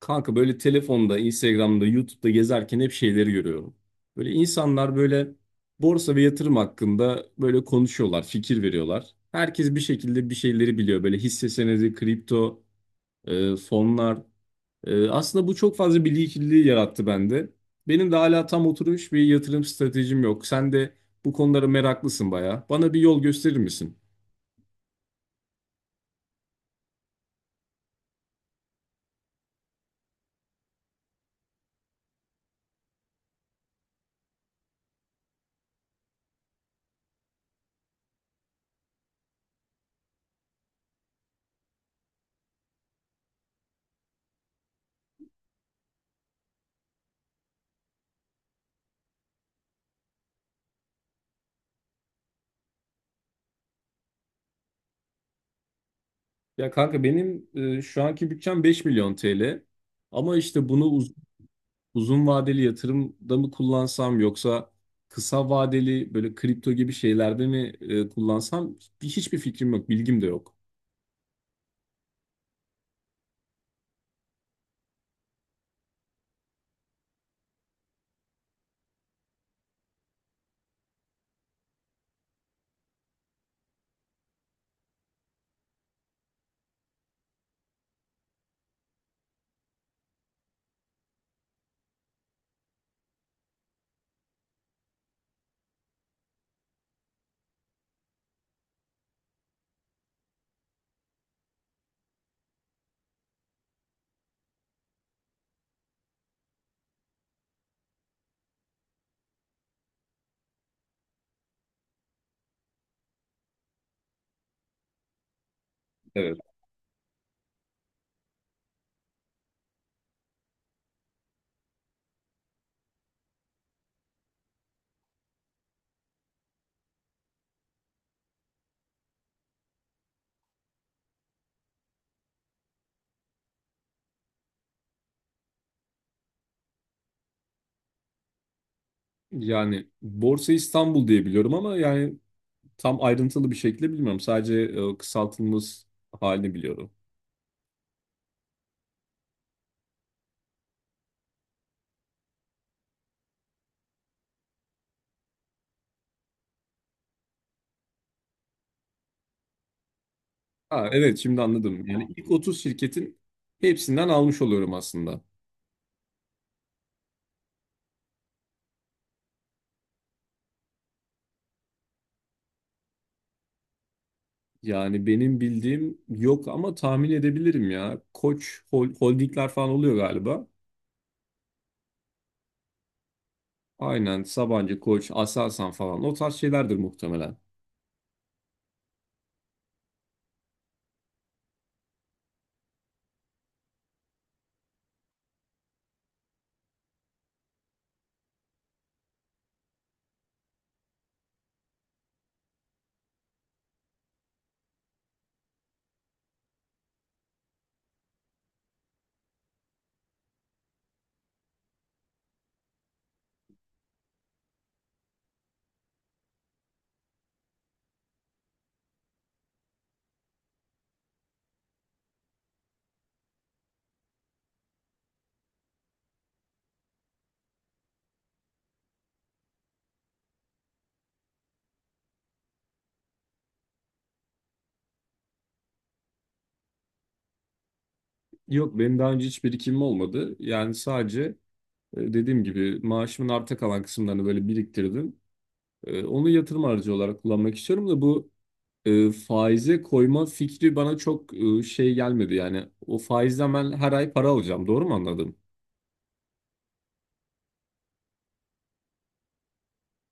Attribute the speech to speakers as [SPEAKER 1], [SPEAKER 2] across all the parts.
[SPEAKER 1] Kanka böyle telefonda, Instagram'da, YouTube'da gezerken hep şeyleri görüyorum. Böyle insanlar böyle borsa ve yatırım hakkında böyle konuşuyorlar, fikir veriyorlar. Herkes bir şekilde bir şeyleri biliyor. Böyle hisse senedi, kripto, fonlar. Aslında bu çok fazla bilgi kirliliği yarattı bende. Benim de hala tam oturmuş bir yatırım stratejim yok. Sen de bu konulara meraklısın bayağı. Bana bir yol gösterir misin? Ya kanka benim şu anki bütçem 5 milyon TL. Ama işte uzun vadeli yatırımda mı kullansam yoksa kısa vadeli böyle kripto gibi şeylerde mi kullansam hiçbir fikrim yok, bilgim de yok. Evet. Yani Borsa İstanbul diye biliyorum ama yani tam ayrıntılı bir şekilde bilmiyorum. Sadece kısaltılmış halini biliyorum. Ha, evet şimdi anladım. Yani ilk 30 şirketin hepsinden almış oluyorum aslında. Yani benim bildiğim yok ama tahmin edebilirim ya. Holdingler falan oluyor galiba. Aynen Sabancı, Koç, Aselsan falan o tarz şeylerdir muhtemelen. Yok benim daha önce hiç birikimim olmadı. Yani sadece dediğim gibi maaşımın arta kalan kısımlarını böyle biriktirdim. Onu yatırım aracı olarak kullanmak istiyorum da bu faize koyma fikri bana çok şey gelmedi. Yani o faizden ben her ay para alacağım, doğru mu anladım?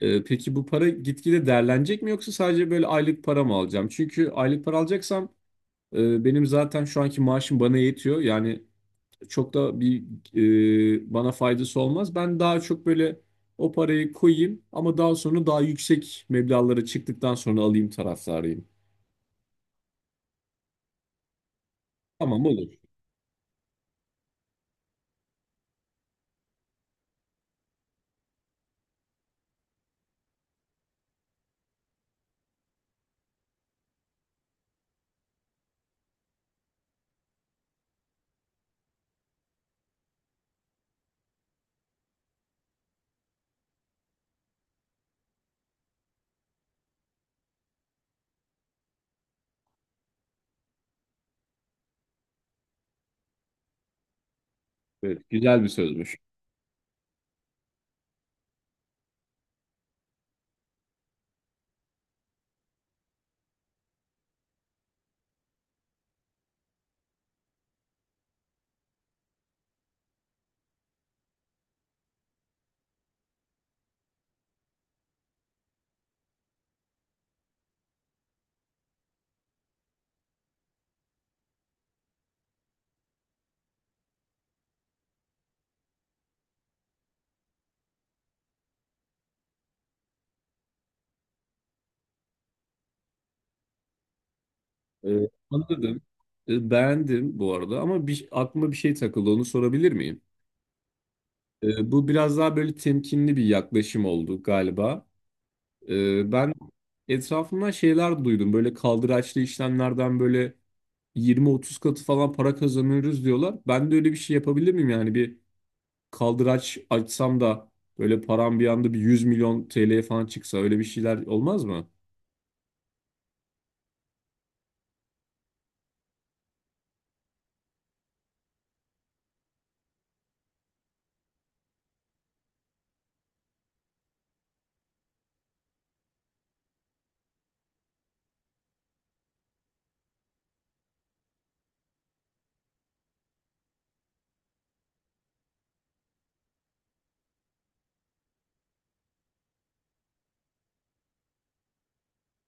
[SPEAKER 1] Peki bu para gitgide değerlenecek mi yoksa sadece böyle aylık para mı alacağım? Çünkü aylık para alacaksam benim zaten şu anki maaşım bana yetiyor. Yani çok da bir bana faydası olmaz. Ben daha çok böyle o parayı koyayım ama daha sonra daha yüksek meblağlara çıktıktan sonra alayım taraftarıyım. Tamam, olur. Evet, güzel bir sözmüş. Anladım. Beğendim bu arada ama bir, aklıma bir şey takıldı, onu sorabilir miyim? Bu biraz daha böyle temkinli bir yaklaşım oldu galiba. Ben etrafımdan şeyler duydum, böyle kaldıraçlı işlemlerden, böyle 20-30 katı falan para kazanıyoruz diyorlar. Ben de öyle bir şey yapabilir miyim, yani bir kaldıraç açsam da böyle param bir anda bir 100 milyon TL'ye falan çıksa, öyle bir şeyler olmaz mı?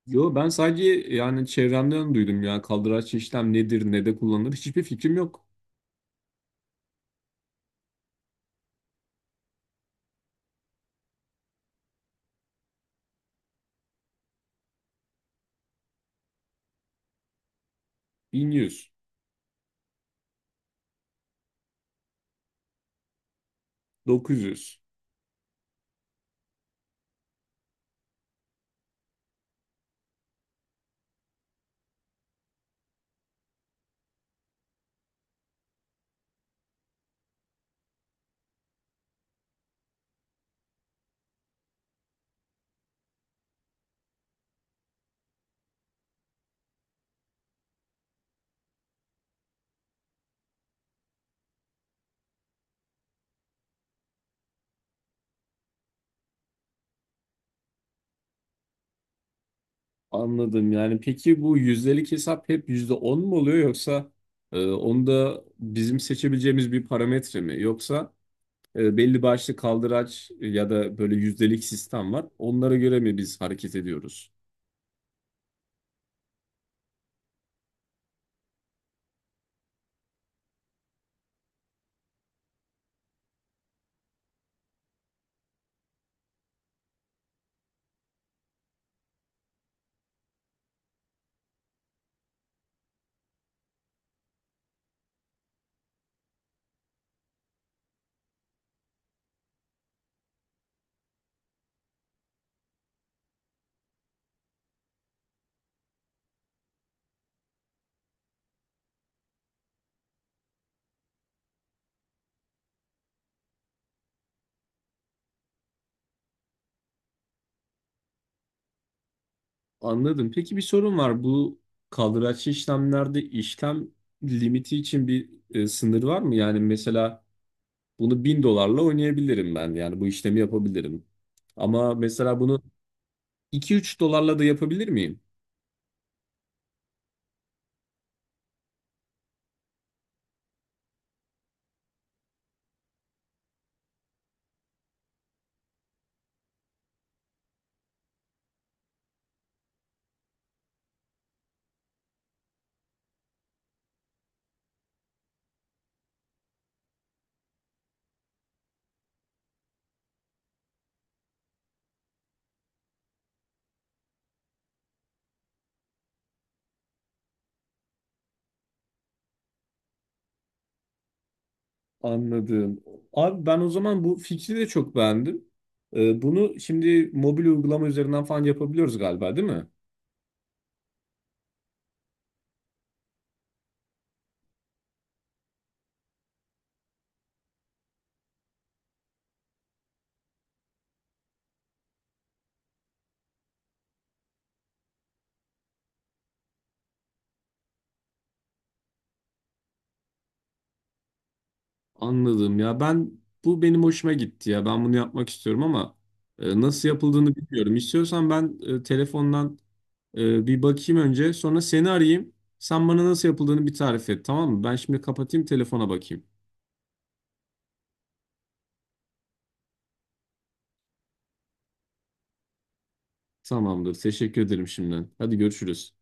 [SPEAKER 1] Yo, ben sadece yani çevremden duydum ya, kaldıraç işlem nedir ne de kullanılır hiçbir fikrim yok. 1100, 900. Anladım. Yani peki bu yüzdelik hesap hep %10 mu oluyor yoksa onu bizim seçebileceğimiz bir parametre mi, yoksa belli başlı kaldıraç, ya da böyle yüzdelik sistem var. Onlara göre mi biz hareket ediyoruz? Anladım. Peki bir sorun var. Bu kaldıraçlı işlemlerde işlem limiti için bir sınır var mı? Yani mesela bunu 1.000 dolarla oynayabilirim ben. Yani bu işlemi yapabilirim. Ama mesela bunu iki üç dolarla da yapabilir miyim? Anladım. Abi ben o zaman bu fikri de çok beğendim. Bunu şimdi mobil uygulama üzerinden falan yapabiliyoruz galiba, değil mi? Anladım ya, ben bu, benim hoşuma gitti ya, ben bunu yapmak istiyorum ama nasıl yapıldığını bilmiyorum. İstiyorsan ben telefondan bir bakayım önce, sonra seni arayayım. Sen bana nasıl yapıldığını bir tarif et, tamam mı? Ben şimdi kapatayım, telefona bakayım. Tamamdır, teşekkür ederim şimdiden. Hadi görüşürüz.